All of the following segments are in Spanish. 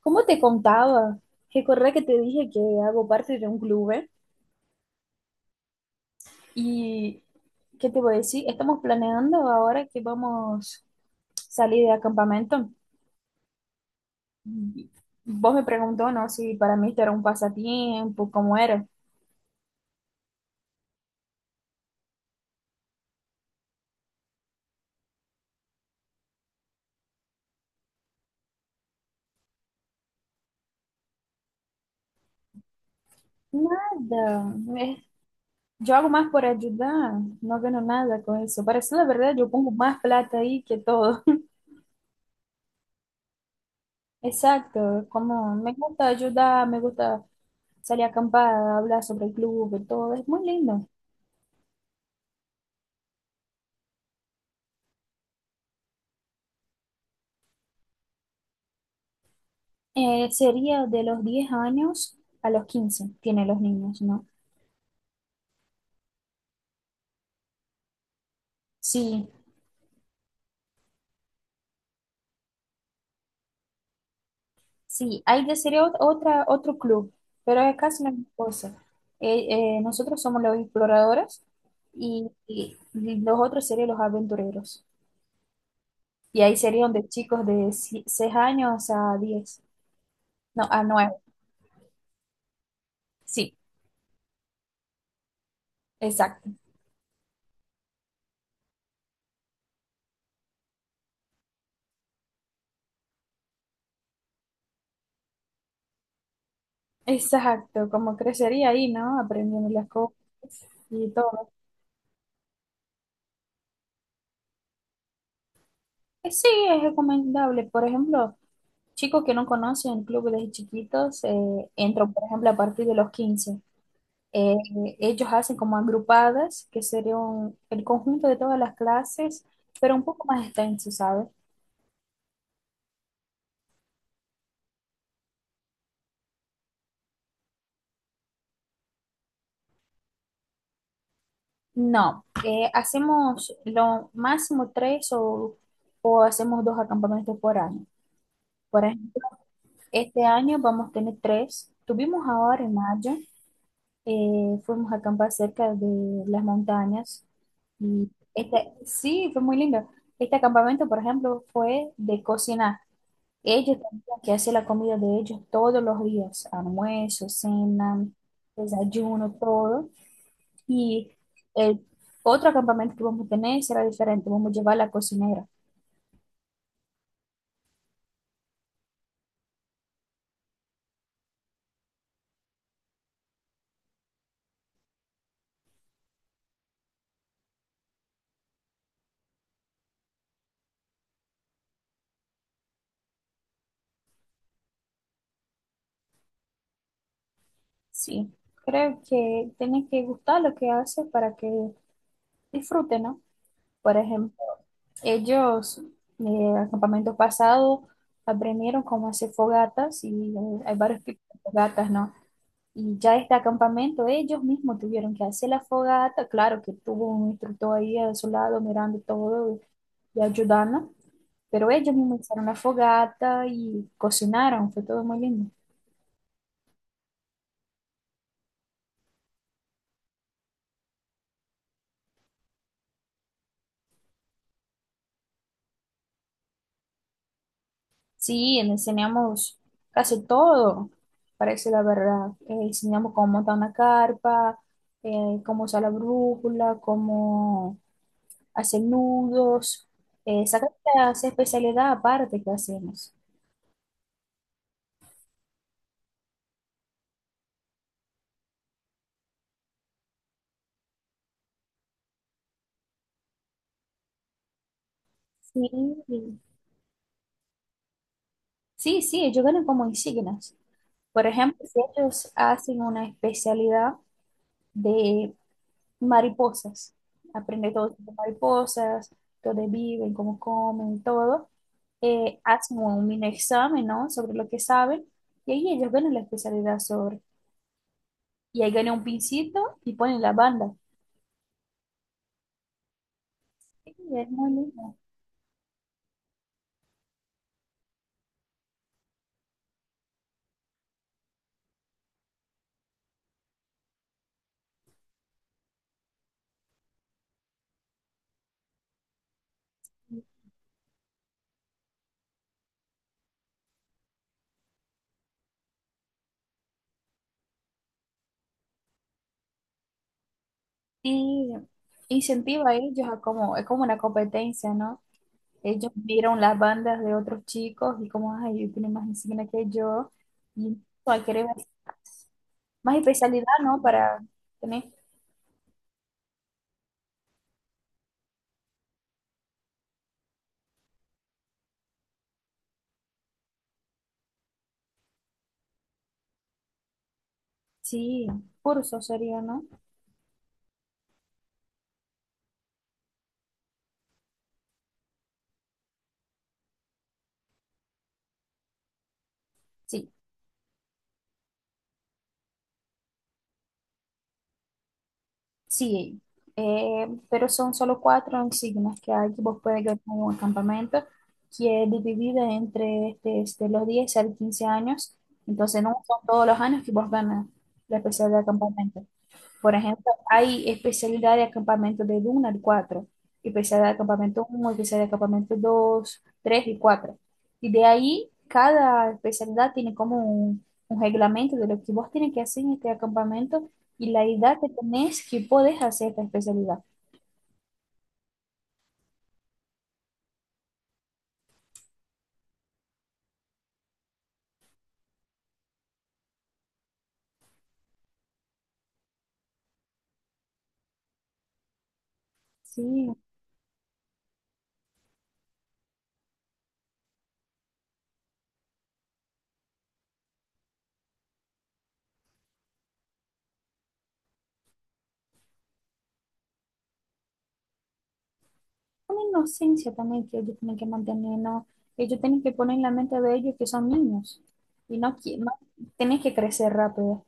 Como te contaba, recordé que te dije que hago parte de un club, ¿eh? Y, ¿qué te voy a decir? Estamos planeando ahora que vamos a salir de acampamento. Y vos me preguntó, ¿no? Si para mí esto era un pasatiempo, ¿cómo era? Nada. Yo hago más por ayudar, no gano nada con eso. Para decir la verdad, yo pongo más plata ahí que todo. Exacto, como me gusta ayudar, me gusta salir a acampar, hablar sobre el club y todo, es muy lindo. Sería de los 10 años a los 15 tienen los niños, ¿no? Sí, sí, hay de sería otra, otro club, pero es casi la misma cosa. Nosotros somos los exploradores y, los otros serían los aventureros. Y ahí serían de chicos de si, 6 años a 10, no, a 9. Sí, exacto, exacto, como crecería ahí, ¿no? Aprendiendo las cosas y todo. Sí, es recomendable, por ejemplo. Chicos que no conocen club desde chiquitos entran, por ejemplo, a partir de los 15. Eh, Ellos hacen como agrupadas, que sería el conjunto de todas las clases, pero un poco más extenso, ¿sabes? No, hacemos lo máximo tres o hacemos dos acampamentos por año. Por ejemplo, este año vamos a tener tres. Tuvimos ahora en mayo. Fuimos a acampar cerca de las montañas y este, sí, fue muy lindo. Este acampamento, por ejemplo, fue de cocinar. Ellos tenían que hacer la comida de ellos todos los días, almuerzo, cena, desayuno, todo. Y el otro acampamento que vamos a tener será diferente, vamos a llevar la cocinera. Sí, creo que tienen que gustar lo que hace para que disfruten, ¿no? Por ejemplo. Ellos, eh, el campamento pasado, aprendieron cómo hacer fogatas y hay varios tipos de fogatas, ¿no? Y ya este campamento, ellos mismos tuvieron que hacer la fogata. Claro que tuvo un instructor ahí a su lado mirando todo y ayudando, pero ellos mismos hicieron la fogata y cocinaron, fue todo muy lindo. Sí, le enseñamos casi todo, parece la verdad. Enseñamos cómo montar una carpa, cómo usar la brújula, cómo hacer nudos, sacar esa especialidad aparte que hacemos. Sí, sí, sí, ellos ganan como insignias. Por ejemplo, si ellos hacen una especialidad de mariposas, aprende todo tipo de mariposas, dónde viven, cómo comen, todo, hacen un mini examen, ¿no? Sobre lo que saben, y ahí ellos ganan la especialidad sobre. Y ahí ganan un pincito y ponen la banda. Sí, es muy lindo. Y incentiva a ellos a como, es como una competencia, ¿no? Ellos miran las bandas de otros chicos y como, ay, él tiene más insignia que yo. Y hay querer más, más especialidad, ¿no? Para tener, sí, curso sería, ¿no? Sí, sí. Pero son solo 4 insignias que hay que vos puedes ganar en un campamento, que es dividida entre este, los 10 al 15 años. Entonces no son todos los años que vos ganas la especialidad de campamento. Por ejemplo, hay especialidad de acampamento de 1 al 4, especialidad de acampamento 1, especialidad de acampamento 2, 3 y 4. Y de ahí, cada especialidad tiene como un reglamento de lo que vos tenés que hacer en este acampamento y la edad que tenés que podés hacer esta especialidad. Sí, una inocencia también que ellos tienen que mantener, ¿no? Ellos tienen que poner en la mente de ellos que son niños y no, que no tenés que crecer rápido.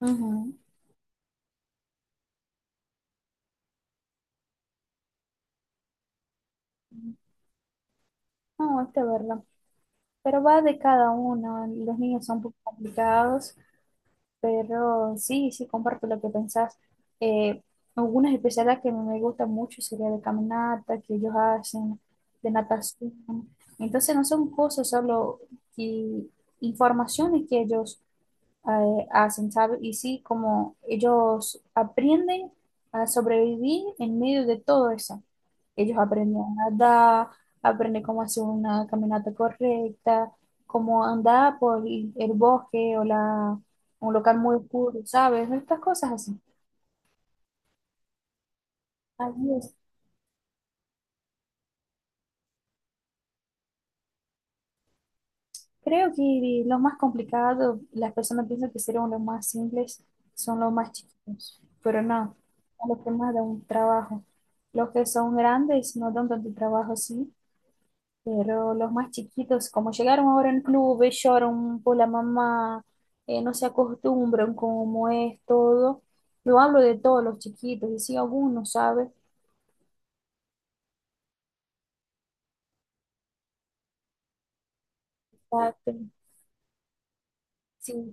Ujú. No, esta es verdad. Pero va de cada uno. Los niños son un poco complicados, pero sí, sí, comparto lo que pensás. Eh, Algunas especialidades que me gustan mucho sería de caminata, que ellos hacen, de natación. Entonces no son cosas solo que- informaciones que ellos hacen, ¿sabes? Y sí, como ellos aprenden a sobrevivir en medio de todo eso. Ellos aprenden a nadar, aprenden cómo hacer una caminata correcta, cómo andar por el bosque o la, un local muy oscuro, ¿sabes? Estas cosas así. Así es. Creo que lo más complicado, las personas piensan que serían los más simples, son los más chiquitos, pero no, son los que más dan un trabajo. Los que son grandes no dan tanto trabajo así, pero los más chiquitos, como llegaron ahora en clubes lloran por la mamá, no se acostumbran como es todo. Yo hablo de todos los chiquitos, y si alguno sabe, ah, sí,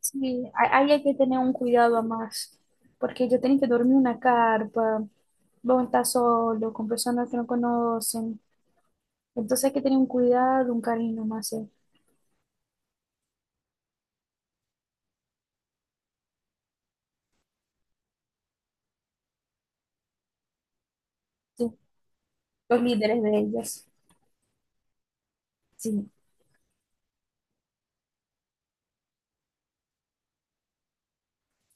sí, ahí hay que tener un cuidado más, porque yo tengo que dormir en una carpa, vos estás solo, con personas que no conocen, entonces hay que tener un cuidado, un cariño más, sí, los líderes de ellas, sí.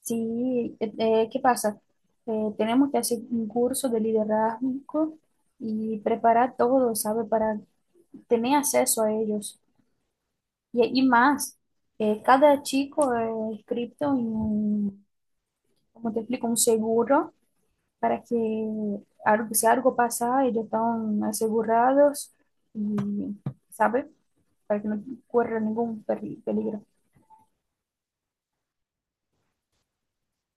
Sí, ¿qué pasa? Tenemos que hacer un curso de liderazgo y preparar todo, ¿sabe? Para tener acceso a ellos. Y más, cada chico es inscrito en un, como te explico, un seguro para que algo, si algo pasa, ellos están asegurados y, ¿sabe? Para que no corra ningún peligro.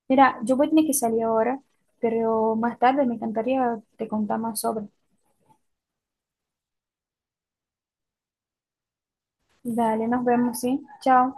Mira, yo voy a tener que salir ahora, pero más tarde me encantaría te contar más sobre. Dale, nos vemos, ¿sí? Chao.